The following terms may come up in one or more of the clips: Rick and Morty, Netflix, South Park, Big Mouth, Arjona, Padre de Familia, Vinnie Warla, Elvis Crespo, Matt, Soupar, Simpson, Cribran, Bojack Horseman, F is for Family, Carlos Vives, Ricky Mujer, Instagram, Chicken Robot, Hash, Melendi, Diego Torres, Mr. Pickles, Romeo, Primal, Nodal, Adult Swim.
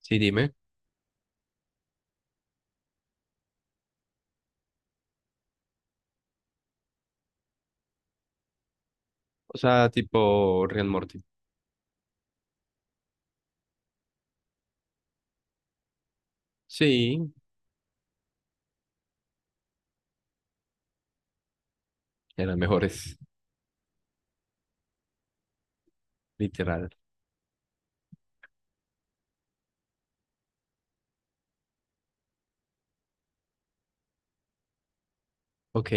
Sí, dime. O sea, tipo Rick and Morty. Sí, eran mejores. Literal. Ok,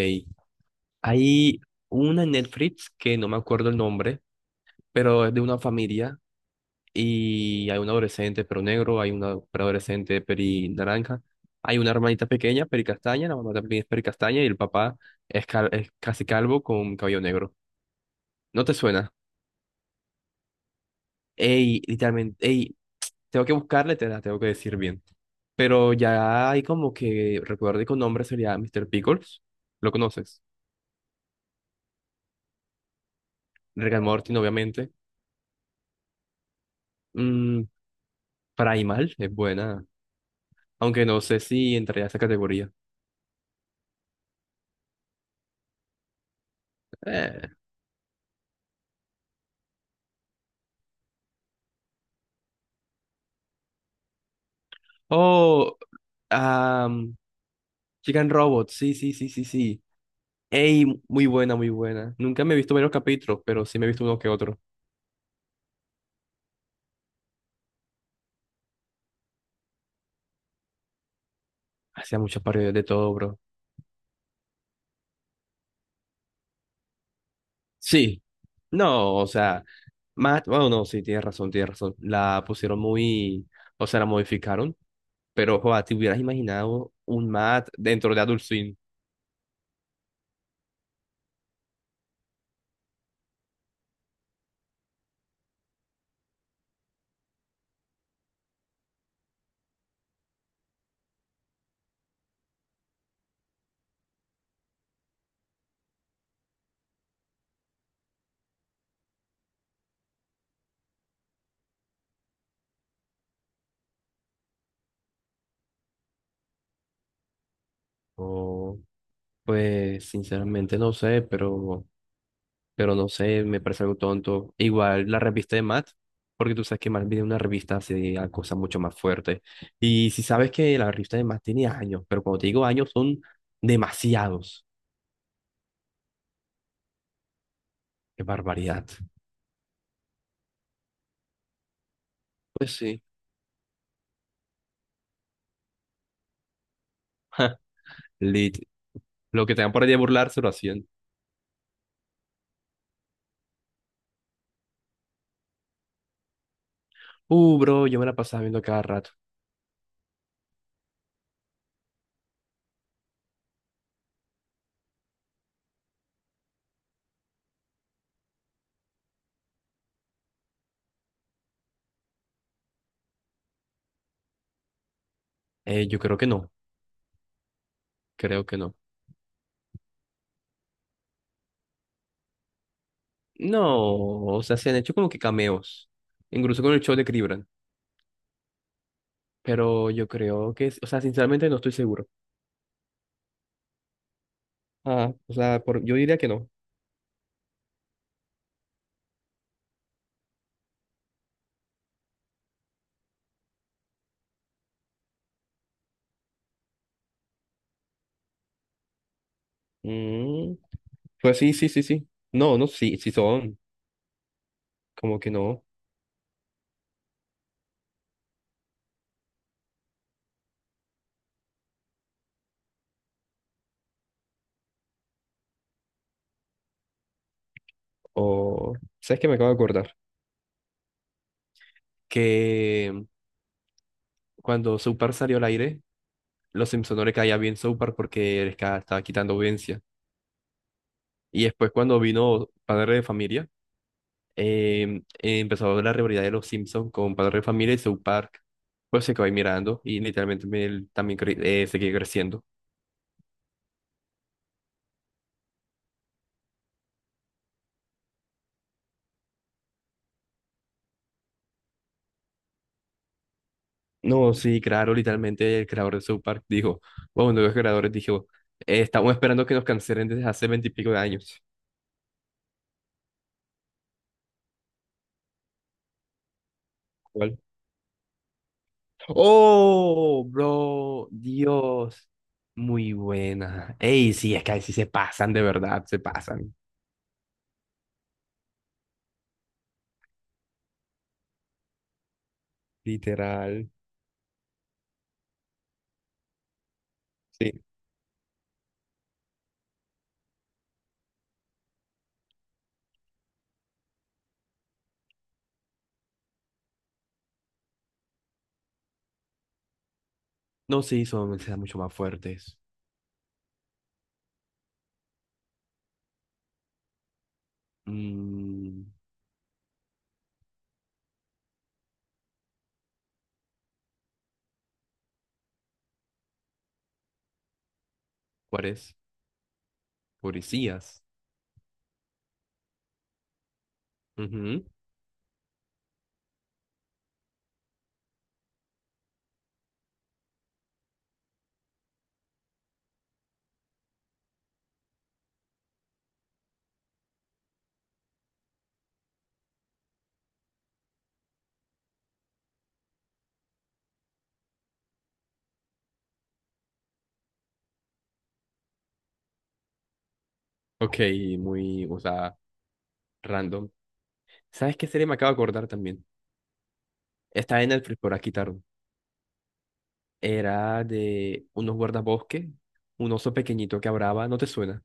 hay una en Netflix que no me acuerdo el nombre, pero es de una familia y hay un adolescente pero negro, hay una adolescente peri naranja, hay una hermanita pequeña peri castaña, la mamá también es peri castaña y el papá es, es casi calvo con cabello negro. ¿No te suena? Ey, literalmente, ey, tengo que buscarle, te la tengo que decir bien. Pero ya hay como que, recuerdo con nombre sería Mr. Pickles, lo conoces. Rick and Morty, obviamente. Mm, Primal es buena, aunque no sé si entraría a esa categoría. Eh. Oh, am, Chicken Robot, sí, sí, sí, sí, sí. Ey, muy buena, muy buena. Nunca me he visto varios capítulos, pero sí me he visto uno que otro. Hacía muchas parodias de todo, bro. Sí, no, o sea, más, bueno, no, sí, tienes razón, tienes razón. La pusieron muy, o sea, la modificaron. Pero, ¿te hubieras imaginado un Matt dentro de Adult Swim? O, pues, sinceramente no sé, pero no sé, me parece algo tonto. Igual la revista de Matt, porque tú sabes que Matt viene de una revista hace a cosas mucho más fuertes. Y si sabes que la revista de Matt tiene años, pero cuando te digo años son demasiados. ¡Qué barbaridad! Pues sí, lit. Lo que tengan por ahí de burlarse lo hacían. Bro, yo me la pasaba viendo a cada rato. Yo creo que no, creo que no. No, o sea, se han hecho como que cameos, incluso con el show de Cribran, pero yo creo que, o sea, sinceramente no estoy seguro. Ah, o sea, por, yo diría que no. Mm, pues sí, sí, sí, sí. No, no, sí, sí son, como que no. O, ¿sabes qué me acabo de acordar? Que cuando Soupar salió al aire, los Simpson no le caía bien Soupar porque estaba quitando audiencia. Y después cuando vino Padre de Familia, empezó la rivalidad de los Simpsons con Padre de Familia y South Park. Pues se quedó ahí mirando y literalmente él también seguía creciendo. No, sí, claro, literalmente el creador de South Park dijo, bueno, uno de los creadores dijo, estamos esperando que nos cancelen desde hace veintipico de años. ¿Cuál? ¡Oh, bro! Dios. Muy buena. Ey, sí, es que ahí sí se pasan, de verdad, se pasan. Literal. Sí. No, sí, son mensajes mucho más fuertes. Mm, ¿Cuál es? Policías. Ujú. Ok, muy, o sea, random. ¿Sabes qué serie me acabo de acordar también? Está en Netflix, por aquí tarde. Era de unos guardabosques, un oso pequeñito que hablaba, ¿no te suena?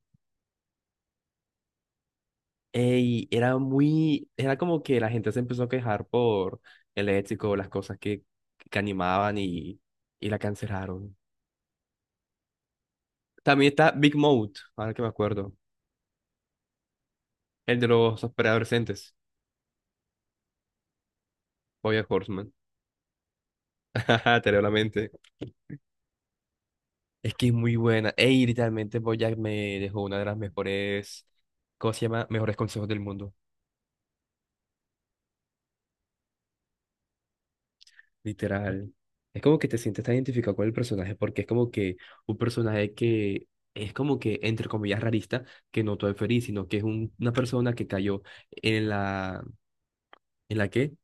Ey, era muy, era como que la gente se empezó a quejar por el ético, las cosas que animaban y la cancelaron. También está Big Mouth, ahora que me acuerdo, el de los preadolescentes, Boya Horseman. Te leo la mente. Es que es muy buena. Ey, literalmente Bojack me dejó una de las mejores, ¿cómo se llama? Mejores consejos del mundo. Literal. Es como que te sientes tan identificado con el personaje porque es como que un personaje que es como que, entre comillas, rarista, que no todo es feliz, sino que es una persona que cayó en la, ¿en la qué?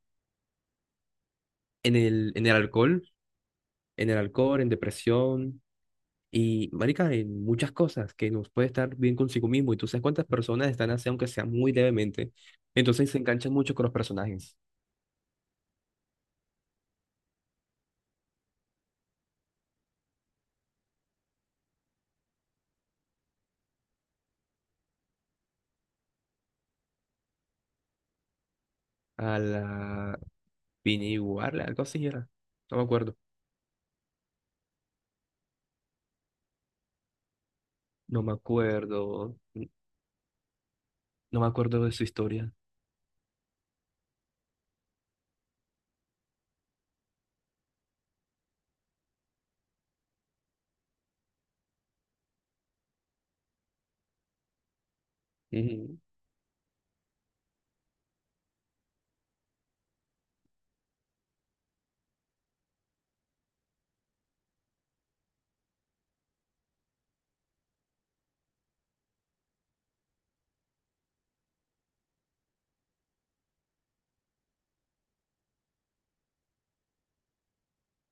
En el alcohol, en el alcohol, en depresión. Y, marica, en muchas cosas que nos puede estar bien consigo mismo. Y tú sabes cuántas personas están así, aunque sea muy levemente. Entonces se enganchan mucho con los personajes. A la Vinnie Warla, algo así era. No me acuerdo. No me acuerdo. No me acuerdo de su historia. Ujú.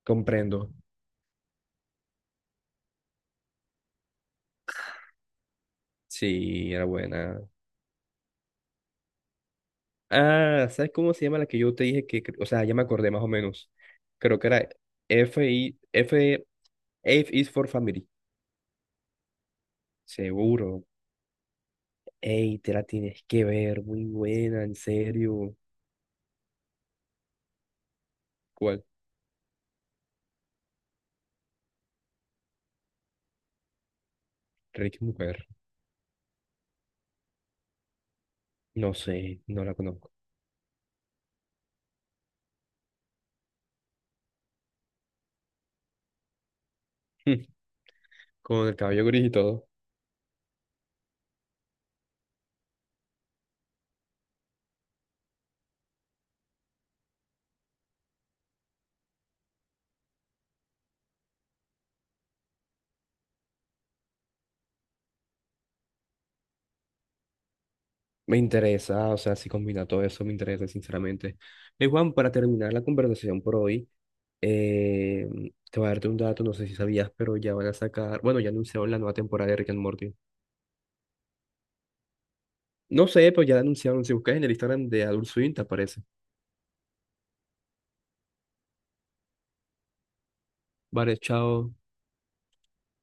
Comprendo. Sí, era buena. Ah, ¿sabes cómo se llama la que yo te dije que, o sea, ya me acordé más o menos. Creo que era F, I, F, F is for Family. Seguro. Ey, te la tienes que ver, muy buena, en serio. ¿Cuál? Ricky Mujer. No sé, no la conozco. Con el cabello gris y todo. Me interesa, o sea, si combina todo eso, me interesa, sinceramente. Ey, Juan, para terminar la conversación por hoy, eh, te voy a darte un dato, no sé si sabías, pero ya van a sacar, bueno, ya anunciaron la nueva temporada de Rick and Morty. No sé, pero ya la anunciaron, si buscas en el Instagram de Adult Swim, te aparece. Vale, chao.